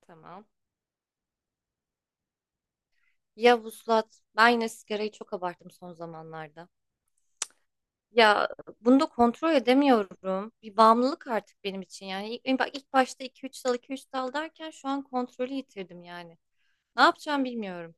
Tamam. Ya vuslat. Ben yine sigarayı çok abarttım son zamanlarda. Ya bunu da kontrol edemiyorum. Bir bağımlılık artık benim için. Yani bak ilk başta iki üç dal iki üç dal derken şu an kontrolü yitirdim yani. Ne yapacağım bilmiyorum.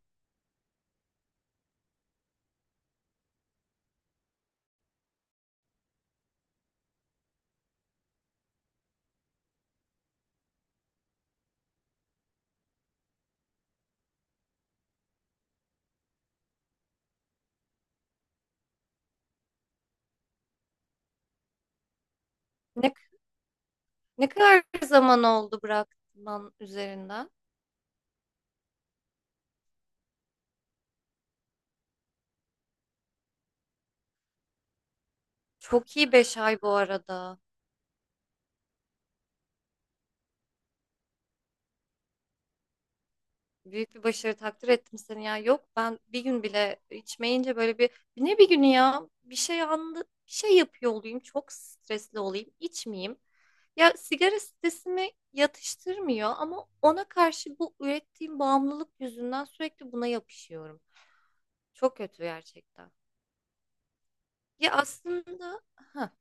Ne, ne kadar zaman oldu bırakman üzerinden? Çok iyi 5 ay bu arada. Büyük bir başarı, takdir ettim seni ya. Yok, ben bir gün bile içmeyince böyle bir ne bir günü ya bir şey anlı bir şey yapıyor olayım, çok stresli olayım, içmeyeyim. Ya sigara stresimi yatıştırmıyor ama ona karşı bu ürettiğim bağımlılık yüzünden sürekli buna yapışıyorum. Çok kötü gerçekten. Ya aslında ha.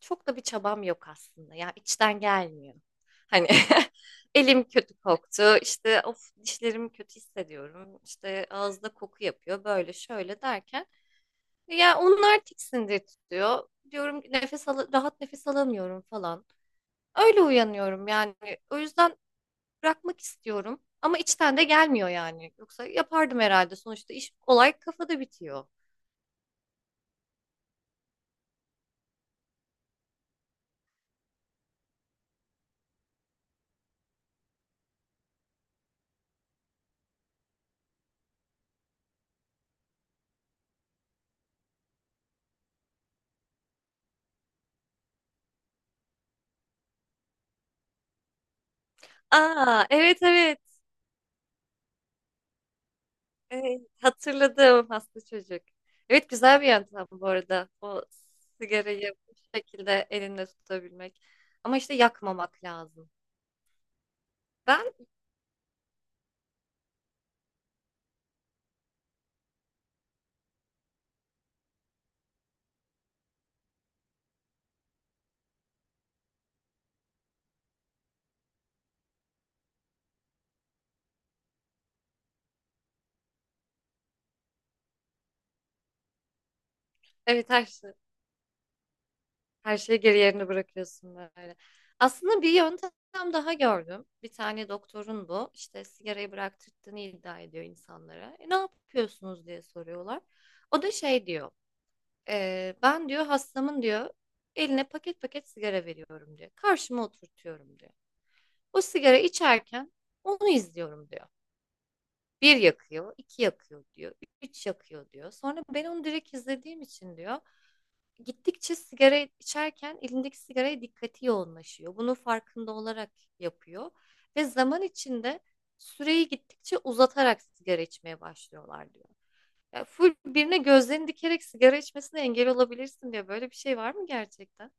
Çok da bir çabam yok aslında. Ya içten gelmiyor. Hani elim kötü koktu. İşte of, dişlerim kötü hissediyorum. İşte ağızda koku yapıyor. Böyle şöyle derken ya onlar tiksindir tutuyor. Diyorum ki nefes al, rahat nefes alamıyorum falan. Öyle uyanıyorum yani. O yüzden bırakmak istiyorum. Ama içten de gelmiyor yani. Yoksa yapardım herhalde. Sonuçta iş, olay kafada bitiyor. Aa, evet, evet. Evet, hatırladım, hasta çocuk. Evet, güzel bir yöntem bu arada. O sigarayı bu şekilde elinde tutabilmek. Ama işte yakmamak lazım. Ben evet, her şey, her şeyi geri yerine bırakıyorsun böyle. Aslında bir yöntem daha gördüm. Bir tane doktorun bu. İşte sigarayı bıraktırdığını iddia ediyor insanlara. E, ne yapıyorsunuz diye soruyorlar. O da şey diyor. "E, ben diyor hastamın diyor eline paket paket sigara veriyorum diyor. Karşıma oturtuyorum diyor. O sigara içerken onu izliyorum diyor. Bir yakıyor, iki yakıyor diyor, üç yakıyor diyor. Sonra ben onu direkt izlediğim için diyor, gittikçe sigara içerken elindeki sigaraya dikkati yoğunlaşıyor. Bunu farkında olarak yapıyor ve zaman içinde süreyi gittikçe uzatarak sigara içmeye başlıyorlar diyor. Ya full birine gözlerini dikerek sigara içmesine engel olabilirsin diyor." Böyle bir şey var mı gerçekten?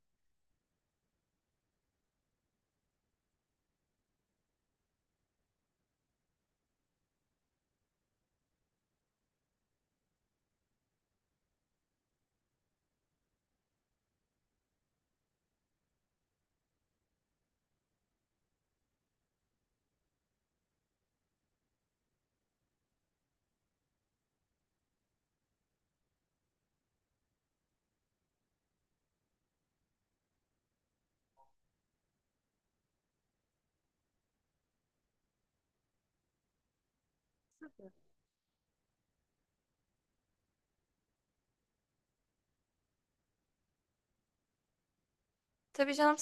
Tabii canım.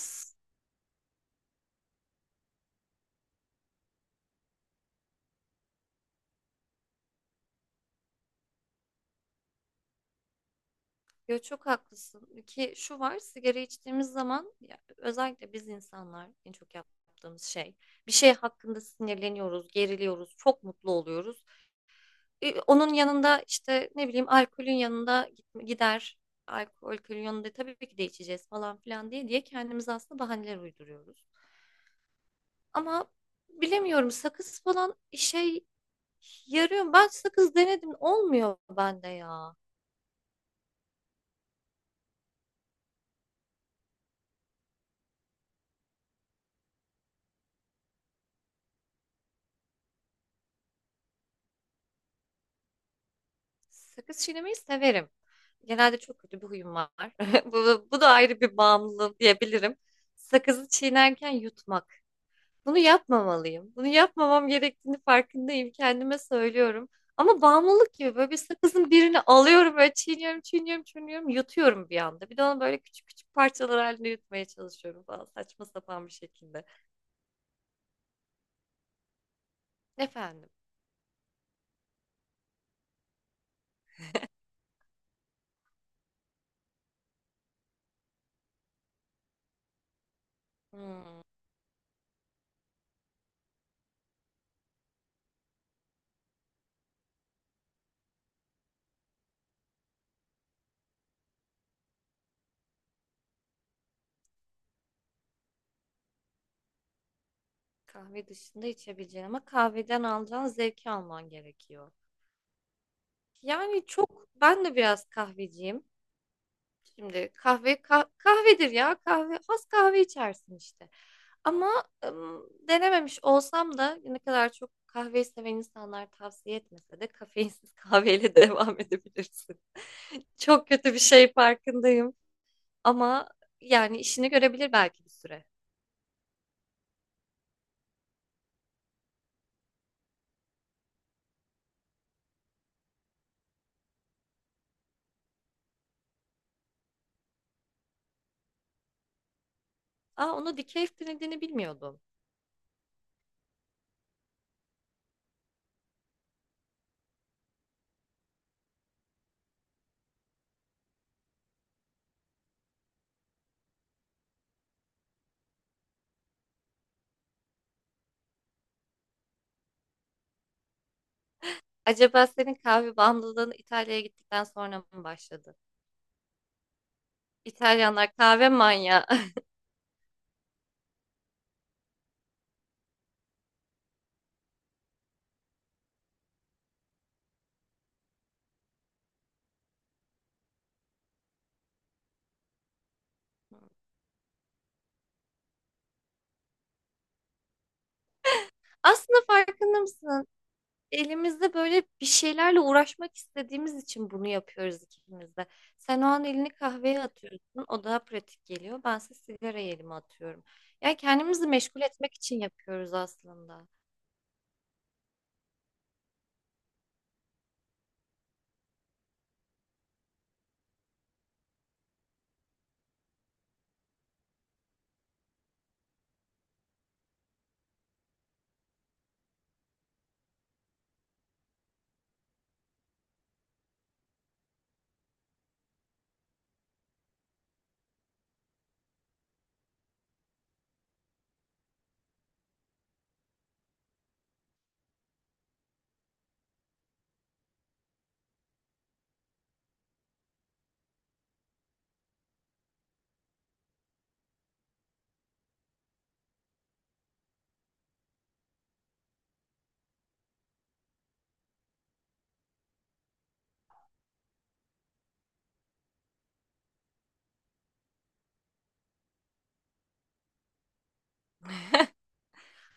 Yo, çok haklısın ki şu var, sigara içtiğimiz zaman ya, özellikle biz insanlar en çok yaptığımız şey, bir şey hakkında sinirleniyoruz, geriliyoruz, çok mutlu oluyoruz. E, onun yanında işte ne bileyim, alkolün yanında gider, alkolün yanında tabii ki de içeceğiz falan filan diye diye kendimize aslında bahaneler uyduruyoruz. Ama bilemiyorum, sakız falan işe yarıyor. Ben sakız denedim, olmuyor bende ya. Sakız çiğnemeyi severim. Genelde çok kötü bir huyum var. Bu da ayrı bir bağımlılık diyebilirim. Sakızı çiğnerken yutmak. Bunu yapmamalıyım. Bunu yapmamam gerektiğini farkındayım. Kendime söylüyorum. Ama bağımlılık gibi böyle bir, sakızın birini alıyorum, böyle çiğniyorum, çiğniyorum, çiğniyorum, yutuyorum bir anda. Bir de onu böyle küçük küçük parçalar halinde yutmaya çalışıyorum falan, saçma sapan bir şekilde. Efendim. Hmm, kahve dışında içebileceğin ama kahveden alacağın zevki alman gerekiyor. Yani çok, ben de biraz kahveciyim. Şimdi kahve kahvedir ya, kahve az kahve içersin işte. Ama denememiş olsam da, ne kadar çok kahve seven insanlar tavsiye etmese de, kafeinsiz kahveyle devam edebilirsin. Çok kötü bir şey farkındayım ama yani işini görebilir belki bir süre. Aa, onu decaf denediğini bilmiyordum. Acaba senin kahve bağımlılığın İtalya'ya gittikten sonra mı başladı? İtalyanlar kahve manyağı. Aslında farkında mısın? Elimizde böyle bir şeylerle uğraşmak istediğimiz için bunu yapıyoruz ikimiz de. Sen o an elini kahveye atıyorsun, o daha pratik geliyor. Bense sigarayı elime atıyorum. Yani kendimizi meşgul etmek için yapıyoruz aslında.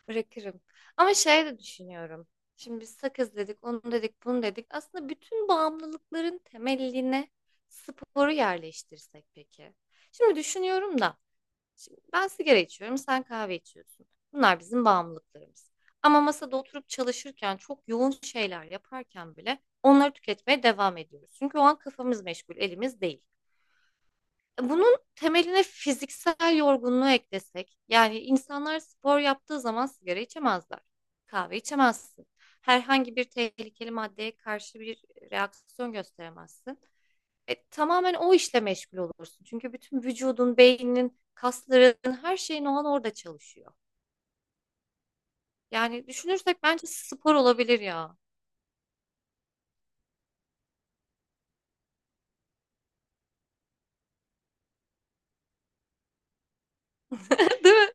Bırakırım. Ama şey de düşünüyorum. Şimdi biz sakız dedik, onu dedik, bunu dedik. Aslında bütün bağımlılıkların temeline sporu yerleştirsek peki. Şimdi düşünüyorum da. Şimdi ben sigara içiyorum, sen kahve içiyorsun. Bunlar bizim bağımlılıklarımız. Ama masada oturup çalışırken, çok yoğun şeyler yaparken bile onları tüketmeye devam ediyoruz. Çünkü o an kafamız meşgul, elimiz değil. E, bunun temeline fiziksel yorgunluğu eklesek, yani insanlar spor yaptığı zaman sigara içemezler. Kahve içemezsin. Herhangi bir tehlikeli maddeye karşı bir reaksiyon gösteremezsin. E, tamamen o işle meşgul olursun. Çünkü bütün vücudun, beyninin, kasların, her şeyin o an orada çalışıyor. Yani düşünürsek bence spor olabilir ya. Değil mi?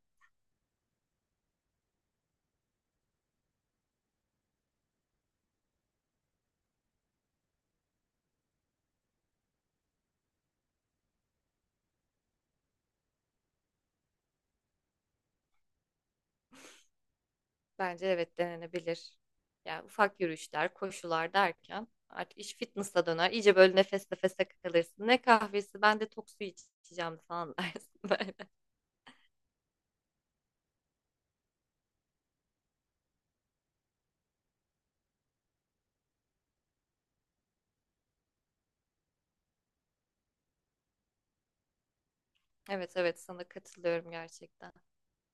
Bence evet, denenebilir. Yani ufak yürüyüşler, koşular derken artık iş fitness'a döner. İyice böyle nefes nefese kalırsın. Ne kahvesi, ben de tok su içeceğim falan dersin böyle. Evet, evet, sana katılıyorum gerçekten.